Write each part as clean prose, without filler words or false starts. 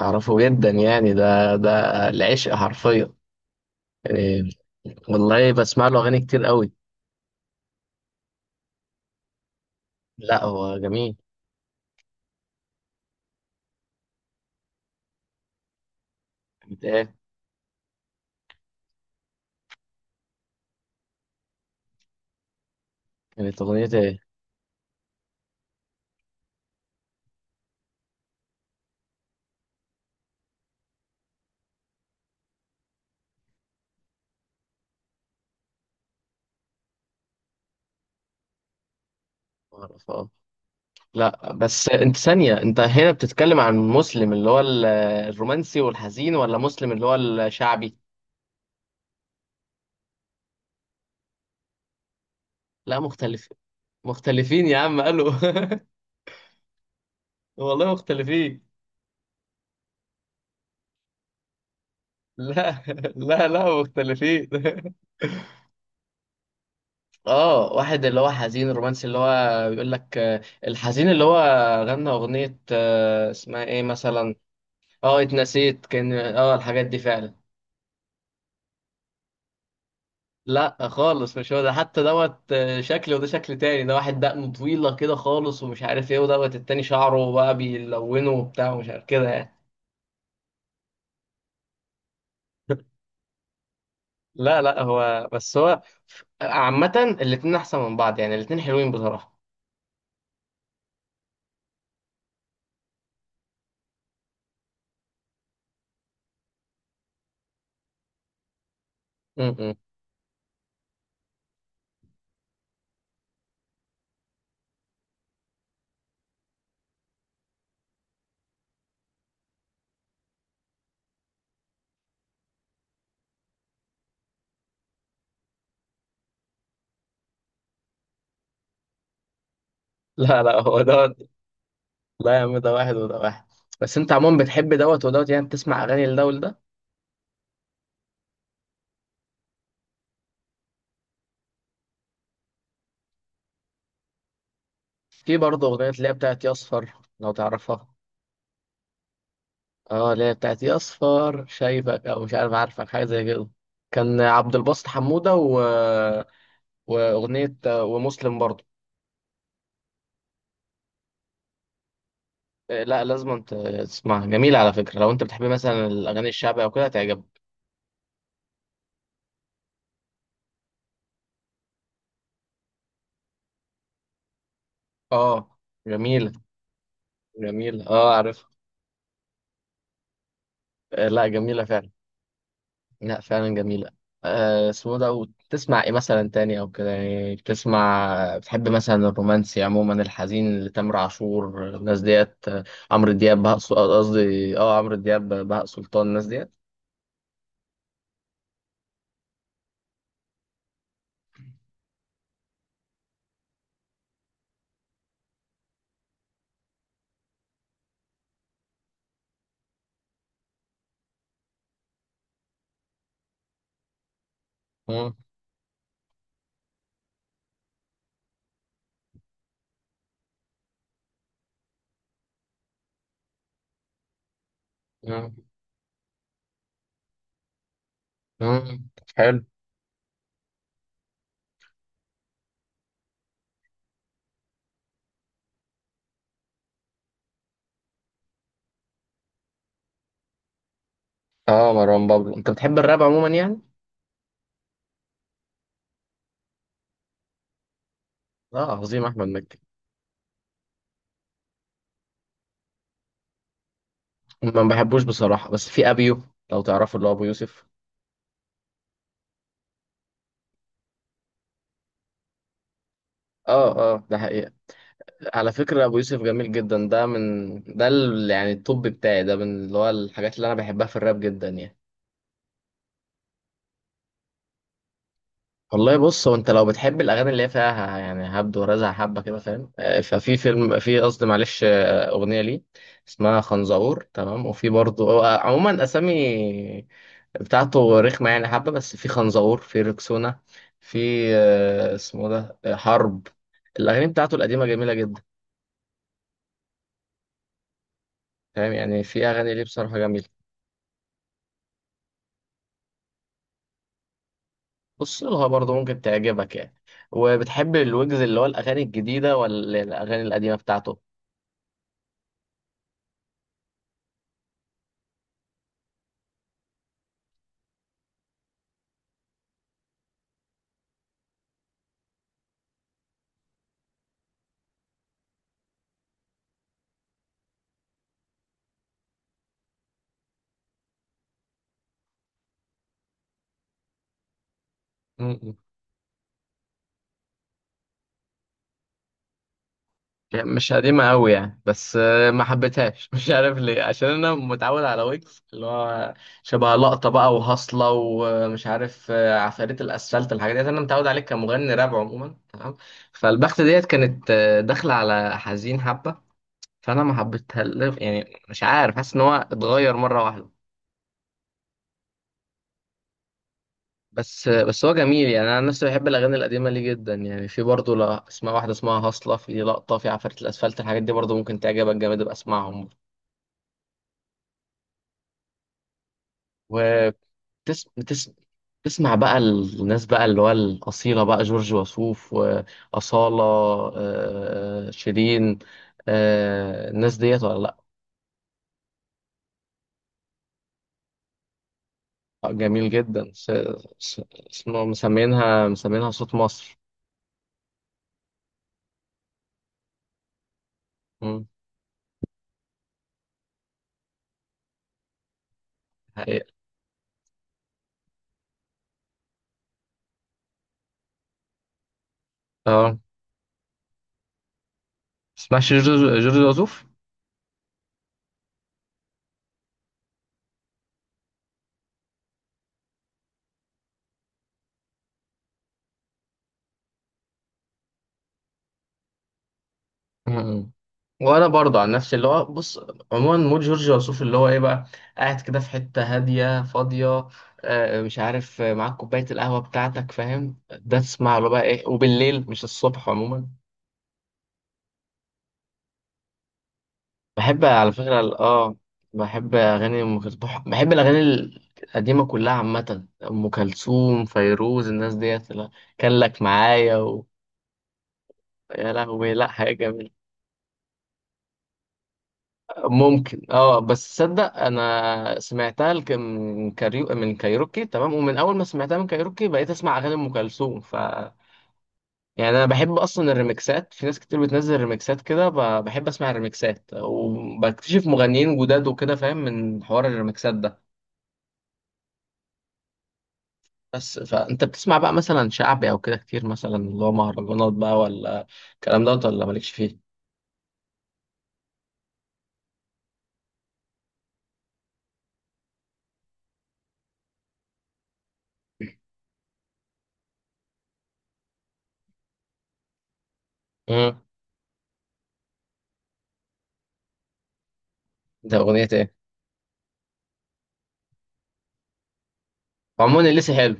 أعرفه جدا، يعني ده العشق حرفيا. يعني والله، بسمع له أغاني كتير قوي. لا، هو جميل. كانت إيه؟ كانت أغنية إيه؟ معرفة، آه. لا بس أنت ثانية، أنت هنا بتتكلم عن مسلم اللي هو الرومانسي والحزين، ولا مسلم اللي هو الشعبي؟ لا، مختلف. مختلفين يا عم، قالوا والله مختلفين. لا لا لا، مختلفين اه، واحد اللي هو حزين رومانسي اللي هو بيقول لك، الحزين اللي هو غنى اغنية، اسمها ايه مثلا؟ اه اتنسيت، كان الحاجات دي فعلا. لا خالص، مش هو ده، حتى دوت شكل وده شكل تاني، ده واحد دقنه طويلة كده خالص ومش عارف ايه، ودوت التاني شعره بقى بيلونه وبتاع ومش عارف كده يعني. لا لا، هو بس هو عامة الاتنين احسن من بعض، يعني الاتنين حلوين بصراحة. م- م. لا لا، هو ده. لا يا عم، ده واحد وده واحد. بس انت عموما بتحب دوت ودوت، يعني بتسمع اغاني لدول ده. في برضه اغنيه اللي هي بتاعت يا اصفر، لو تعرفها. اه، اللي هي بتاعت يا اصفر شايفك، او مش عارف عارفك، حاجه زي كده. كان عبد الباسط حموده واغنيه ومسلم برضه. آه، لا لازم انت تسمعها، جميله على فكره، لو انت بتحب مثلا الاغاني الشعبيه او كده هتعجبك. اه جميله. جميله، اه عارف. آه، لا جميله فعلا. لا فعلا جميلة. آه، اسمه ده، وتسمع ايه مثلا تاني او كده يعني، بتسمع بتحب مثلا الرومانسي عموما الحزين لتامر عاشور الناس ديت، عمرو دياب بهاء سل- آه، قصدي اه عمرو دياب بهاء سلطان الناس ديت. مم. مم. مم. حلو. اه مروان بابلو، انت بتحب الراب عموما يعني؟ اه، عظيم احمد مكي. ما بحبوش بصراحة، بس في ابيو، لو تعرفوا اللي هو ابو يوسف. اه اه، ده حقيقة. على فكرة، أبو يوسف جميل جدا، ده من ده يعني الطب بتاعي ده من اللي هو الحاجات اللي أنا بحبها في الراب جدا يعني. والله بص، هو أنت لو بتحب الأغاني اللي هي فيها يعني هبد ورزع حبة كده فاهم، ففي فيلم، في قصدي معلش، أغنية ليه اسمها خنزقور، تمام. وفي برضه هو عموما أسامي بتاعته رخمة يعني حبة، بس في خنزقور، في ركسونا، في، اسمه ده، حرب. الأغاني بتاعته القديمة جميلة جدا، فاهم، يعني في أغاني ليه بصراحة جميلة. بص لها برضه ممكن تعجبك يعني. وبتحب الويجز، اللي هو الأغاني الجديدة ولا الأغاني القديمة بتاعته؟ م- م. يعني مش قديمة أوي يعني، بس ما حبيتهاش مش عارف ليه، عشان أنا متعود على ويجز اللي هو شبه لقطة بقى وهصلة ومش عارف، عفاريت الأسفلت، الحاجات ديت أنا متعود عليه كمغني راب عموما، تمام. فالبخت ديت كانت داخلة على حزين حبة، فأنا ما حبيتها، يعني مش عارف، حاسس إن هو اتغير مرة واحدة. بس هو جميل يعني. انا عن نفسي بحب الاغاني القديمه ليه جدا، يعني في برضه، لا، اسمها واحده اسمها هصله، في لقطه، في عفارة الاسفلت، الحاجات دي برضه ممكن تعجبك جامد، ابقى اسمعهم. وبتس بتس... تسمع بقى الناس بقى اللي هو الاصيله بقى، جورج وسوف واصاله، شيرين، الناس ديت ولا لا؟ آه، جميل جدا، س... اسمه مسمينها صوت مصر. مم. حقيقة. اه. تسمعش جورج وسوف؟ مم. وانا برضه عن نفسي، اللي هو بص، عموما مود جورج وسوف اللي هو ايه بقى، قاعد كده في حته هاديه فاضيه، مش عارف، معاك كوبايه القهوه بتاعتك فاهم، ده تسمع له بقى ايه وبالليل مش الصبح عموما. بحب على فكره بحب اغاني ام كلثوم. بحب الاغاني القديمه كلها عامه، ام كلثوم فيروز الناس ديت، لا، كان لك معايا يا لهوي، لا حاجه جميله. ممكن، اه، بس تصدق انا سمعتها من كايروكي، تمام، ومن اول ما سمعتها من كايروكي بقيت اسمع اغاني ام كلثوم. يعني انا بحب اصلا الريمكسات، في ناس كتير بتنزل ريمكسات كده، بحب اسمع الريمكسات، وبكتشف مغنيين جداد وكده فاهم، من حوار الريمكسات ده. بس فانت بتسمع بقى مثلا شعبي او كده كتير، مثلا اللي هو مهرجانات بقى، ولا الكلام دوت، ولا مالكش فيه؟ امم. ده اغنيه ايه؟ عموما اللي لسه حلو.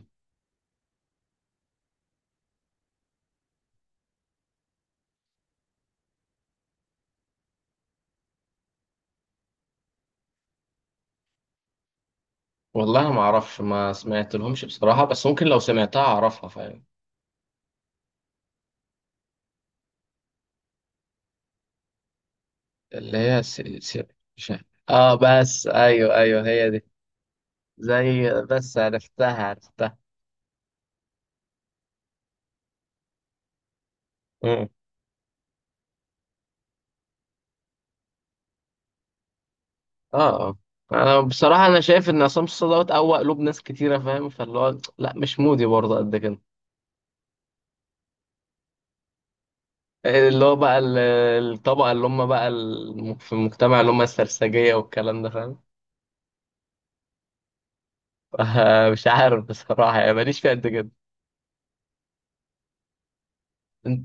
والله ما اعرفش، ما سمعت لهمش بصراحة، بس ممكن لو سمعتها اعرفها فاهم. اللي هي مش عارف. اه، بس ايوه ايوه، هي دي. زي، بس عرفتها عرفتها. مم. اه اه. انا بصراحة انا شايف ان عصام صاصا دوت اقوى قلوب ناس كتيرة فاهم، فاللي هو لا مش مودي برضه قد كده. اللي هو بقى الطبقة اللي هم بقى في المجتمع، اللي هم السرسجية والكلام ده، فاهم. مش عارف بصراحة يعني، ماليش فيها قد كده. انت.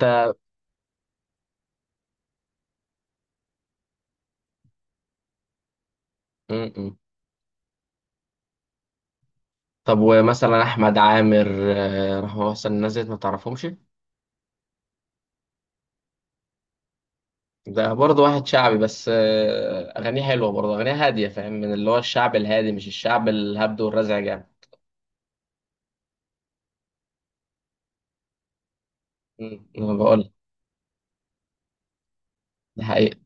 طب ومثلا احمد عامر، راح مثلا الناس ديت ما تعرفهمش؟ ده برضه واحد شعبي، بس اغانيه حلوه برضه، اغانيه هاديه، فاهم، من اللي هو الشعب الهادي مش الشعب الهبد والرزع جامد. انا بقول لك، ده حقيقي.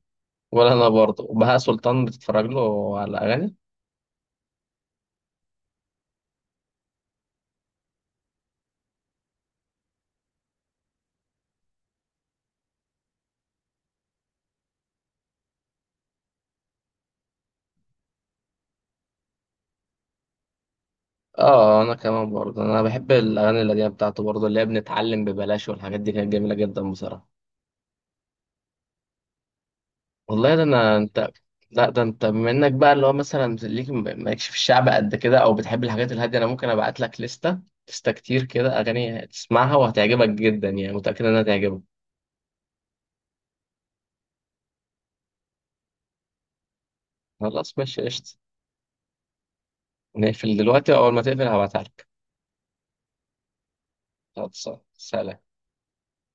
ولا انا برضه. وبهاء سلطان بتتفرج له على اغاني؟ اه انا كمان برضه، انا بحب الاغاني القديمه بتاعته برضه، اللي هي بنتعلم ببلاش والحاجات دي كانت جميله جدا بصراحه. والله ده، انا انت، لا ده انت بما انك بقى اللي هو مثلا ليك مالكش في الشعب قد كده، او بتحب الحاجات الهاديه، انا ممكن ابعت لك لستة كتير كده اغاني تسمعها وهتعجبك جدا، يعني متاكد انها تعجبك. خلاص ماشي، قشطه. نقفل دلوقتي، واول ما تقفل هبعتها لك. خلاص، سلام.